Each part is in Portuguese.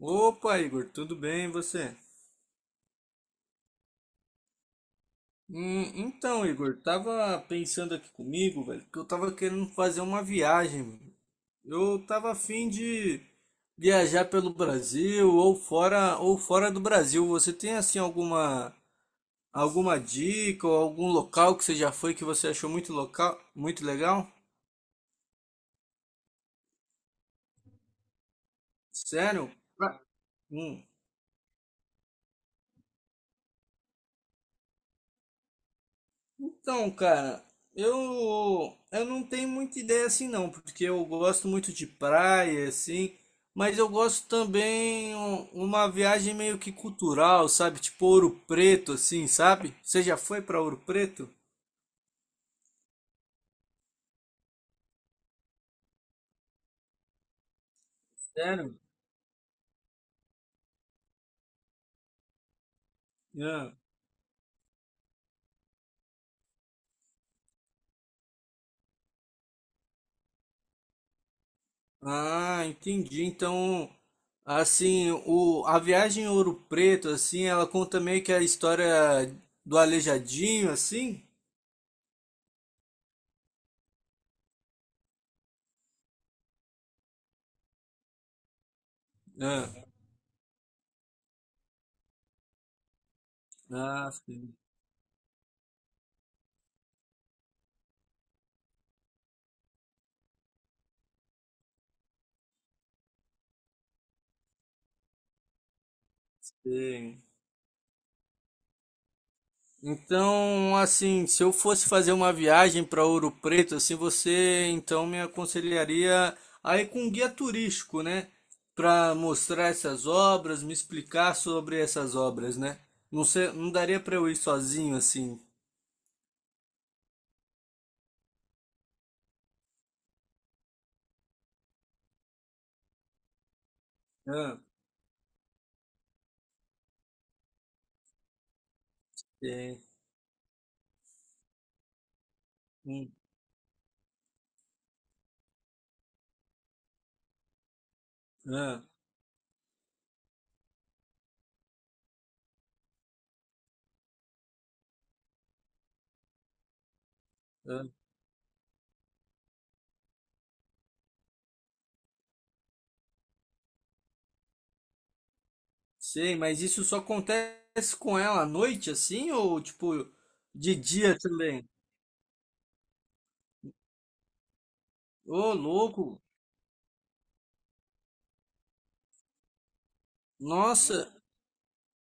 Opa, Igor, tudo bem e você? Então, Igor, tava pensando aqui comigo, velho, que eu tava querendo fazer uma viagem, mano. Eu tava afim de viajar pelo Brasil ou fora do Brasil. Você tem assim alguma dica ou algum local que você já foi que você achou muito local, muito legal? Sério? Pra- Hum. Então, cara, eu não tenho muita ideia assim não, porque eu gosto muito de praia assim, mas eu gosto também uma viagem meio que cultural, sabe? Tipo Ouro Preto assim, sabe? Você já foi pra Ouro Preto? Sério? Ah, ah, entendi. Então, assim, o a viagem em Ouro Preto assim, ela conta meio que a história do Aleijadinho assim? Ah, ah, sim. Sim. Então, assim, se eu fosse fazer uma viagem para Ouro Preto, assim, você então me aconselharia a ir com um guia turístico, né? Para mostrar essas obras, me explicar sobre essas obras, né? Não sei, não daria para eu ir sozinho assim. Ah, é, hum, ah, ah. Sei, mas isso só acontece com ela à noite, assim, ou tipo de dia também? Ô, louco! Nossa!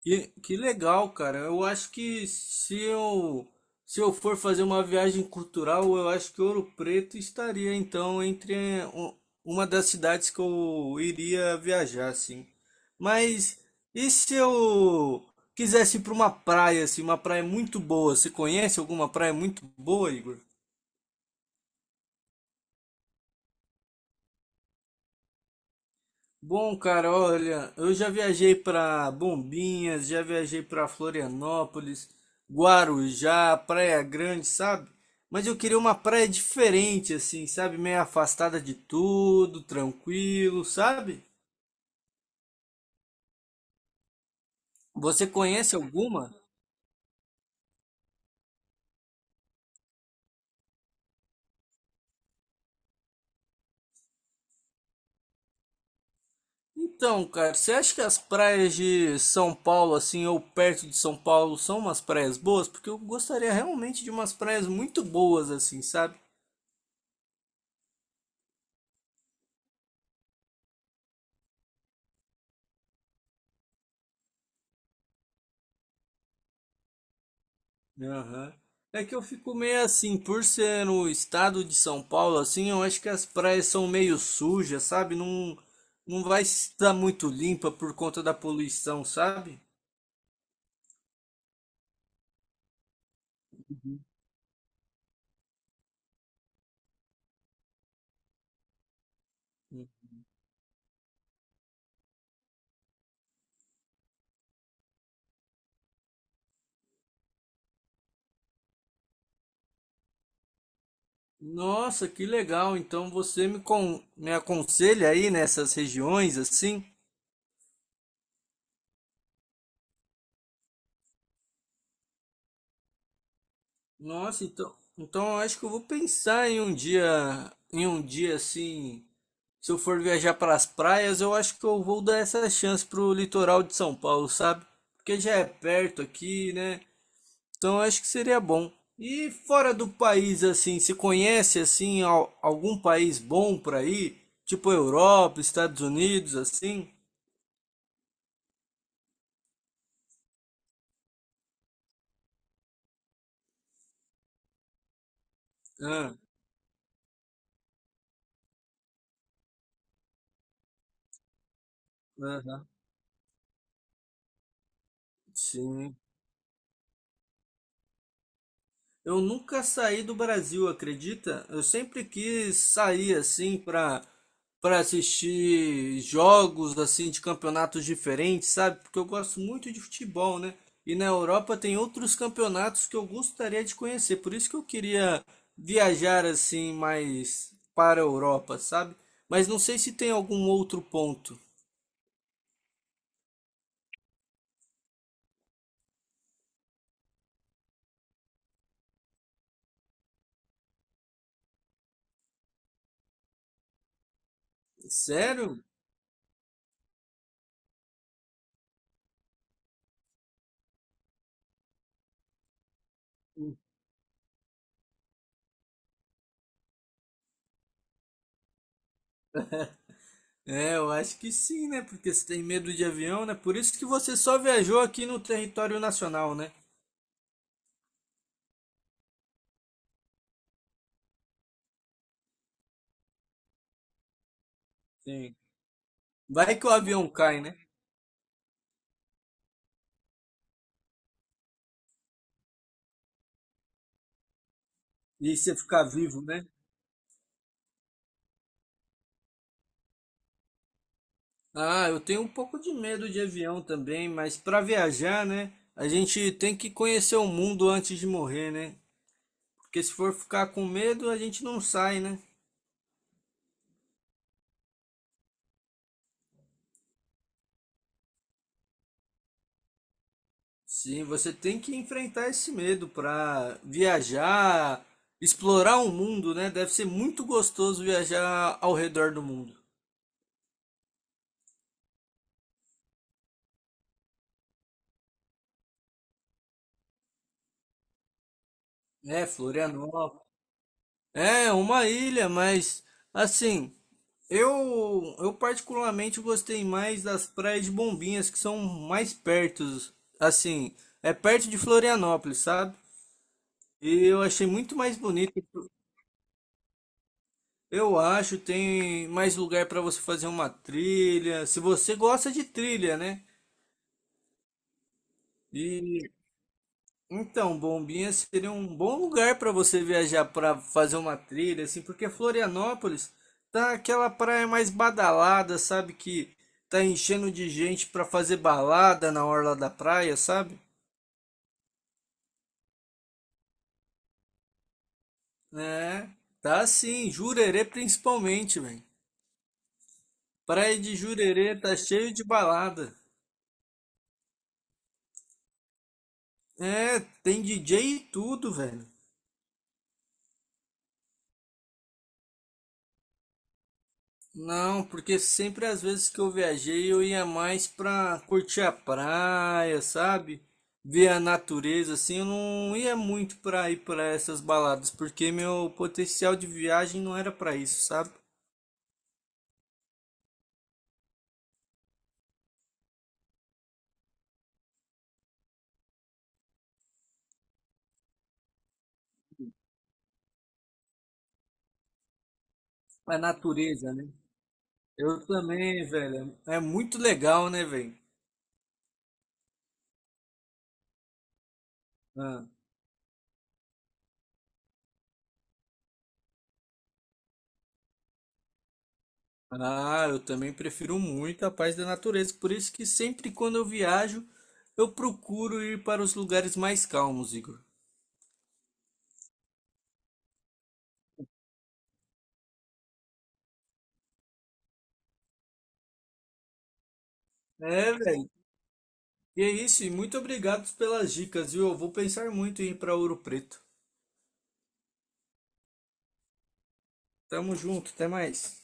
Que legal, cara. Eu acho que se eu for fazer uma viagem cultural, eu acho que Ouro Preto estaria então entre um- uma das cidades que eu iria viajar, assim. Mas e se eu quisesse ir para uma praia, assim, uma praia muito boa? Você conhece alguma praia muito boa, Igor? Bom, cara, olha, eu já viajei para Bombinhas, já viajei para Florianópolis, Guarujá, Praia Grande, sabe? Mas eu queria uma praia diferente, assim, sabe? Meio afastada de tudo, tranquilo, sabe? Você conhece alguma? Então, cara, você acha que as praias de São Paulo, assim, ou perto de São Paulo, são umas praias boas? Porque eu gostaria realmente de umas praias muito boas, assim, sabe? Aham. É que eu fico meio assim, por ser no estado de São Paulo, assim, eu acho que as praias são meio sujas, sabe? Não, não vai estar muito limpa por conta da poluição, sabe? Nossa, que legal. Então você me aconselha aí nessas regiões, assim? Nossa, então, então eu acho que eu vou pensar em um dia assim. Se eu for viajar para as praias, eu acho que eu vou dar essa chance pro litoral de São Paulo, sabe? Porque já é perto aqui, né? Então eu acho que seria bom. E fora do país, assim, se conhece assim algum país bom para ir? Tipo Europa, Estados Unidos, assim? Ah, aham. Sim. Eu nunca saí do Brasil, acredita? Eu sempre quis sair assim para assistir jogos assim de campeonatos diferentes, sabe? Porque eu gosto muito de futebol, né? E na Europa tem outros campeonatos que eu gostaria de conhecer. Por isso que eu queria viajar assim mais para a Europa, sabe? Mas não sei se tem algum outro ponto. Sério? É, eu acho que sim, né? Porque você tem medo de avião, né? Por isso que você só viajou aqui no território nacional, né? Sim. Vai que o avião cai, né? E você ficar vivo, né? Ah, eu tenho um pouco de medo de avião também, mas para viajar, né? A gente tem que conhecer o mundo antes de morrer, né? Porque se for ficar com medo, a gente não sai, né? Sim, você tem que enfrentar esse medo para viajar, explorar o mundo, né? Deve ser muito gostoso viajar ao redor do mundo. É, Florianópolis. É uma ilha, mas assim, eu particularmente gostei mais das praias de Bombinhas que são mais perto, assim, é perto de Florianópolis, sabe? E eu achei muito mais bonito. Eu acho tem mais lugar para você fazer uma trilha, se você gosta de trilha, né? Então, Bombinhas seria um bom lugar para você viajar para fazer uma trilha, assim, porque Florianópolis tá aquela praia mais badalada, sabe? Que tá enchendo de gente para fazer balada na orla da praia, sabe? É, tá sim, Jurerê principalmente, velho. Praia de Jurerê tá cheio de balada. É, tem DJ e tudo, velho. Não, porque sempre às vezes que eu viajei eu ia mais pra curtir a praia, sabe? Ver a natureza, assim, eu não ia muito pra ir pra essas baladas, porque meu potencial de viagem não era pra isso, sabe? A natureza, né? Eu também, velho. É muito legal, né, velho? Ah, ah, eu também prefiro muito a paz da natureza. Por isso que sempre quando eu viajo, eu procuro ir para os lugares mais calmos, Igor. É, velho. E é isso, e muito obrigado pelas dicas, viu? Eu vou pensar muito em ir para Ouro Preto. Tamo junto, até mais.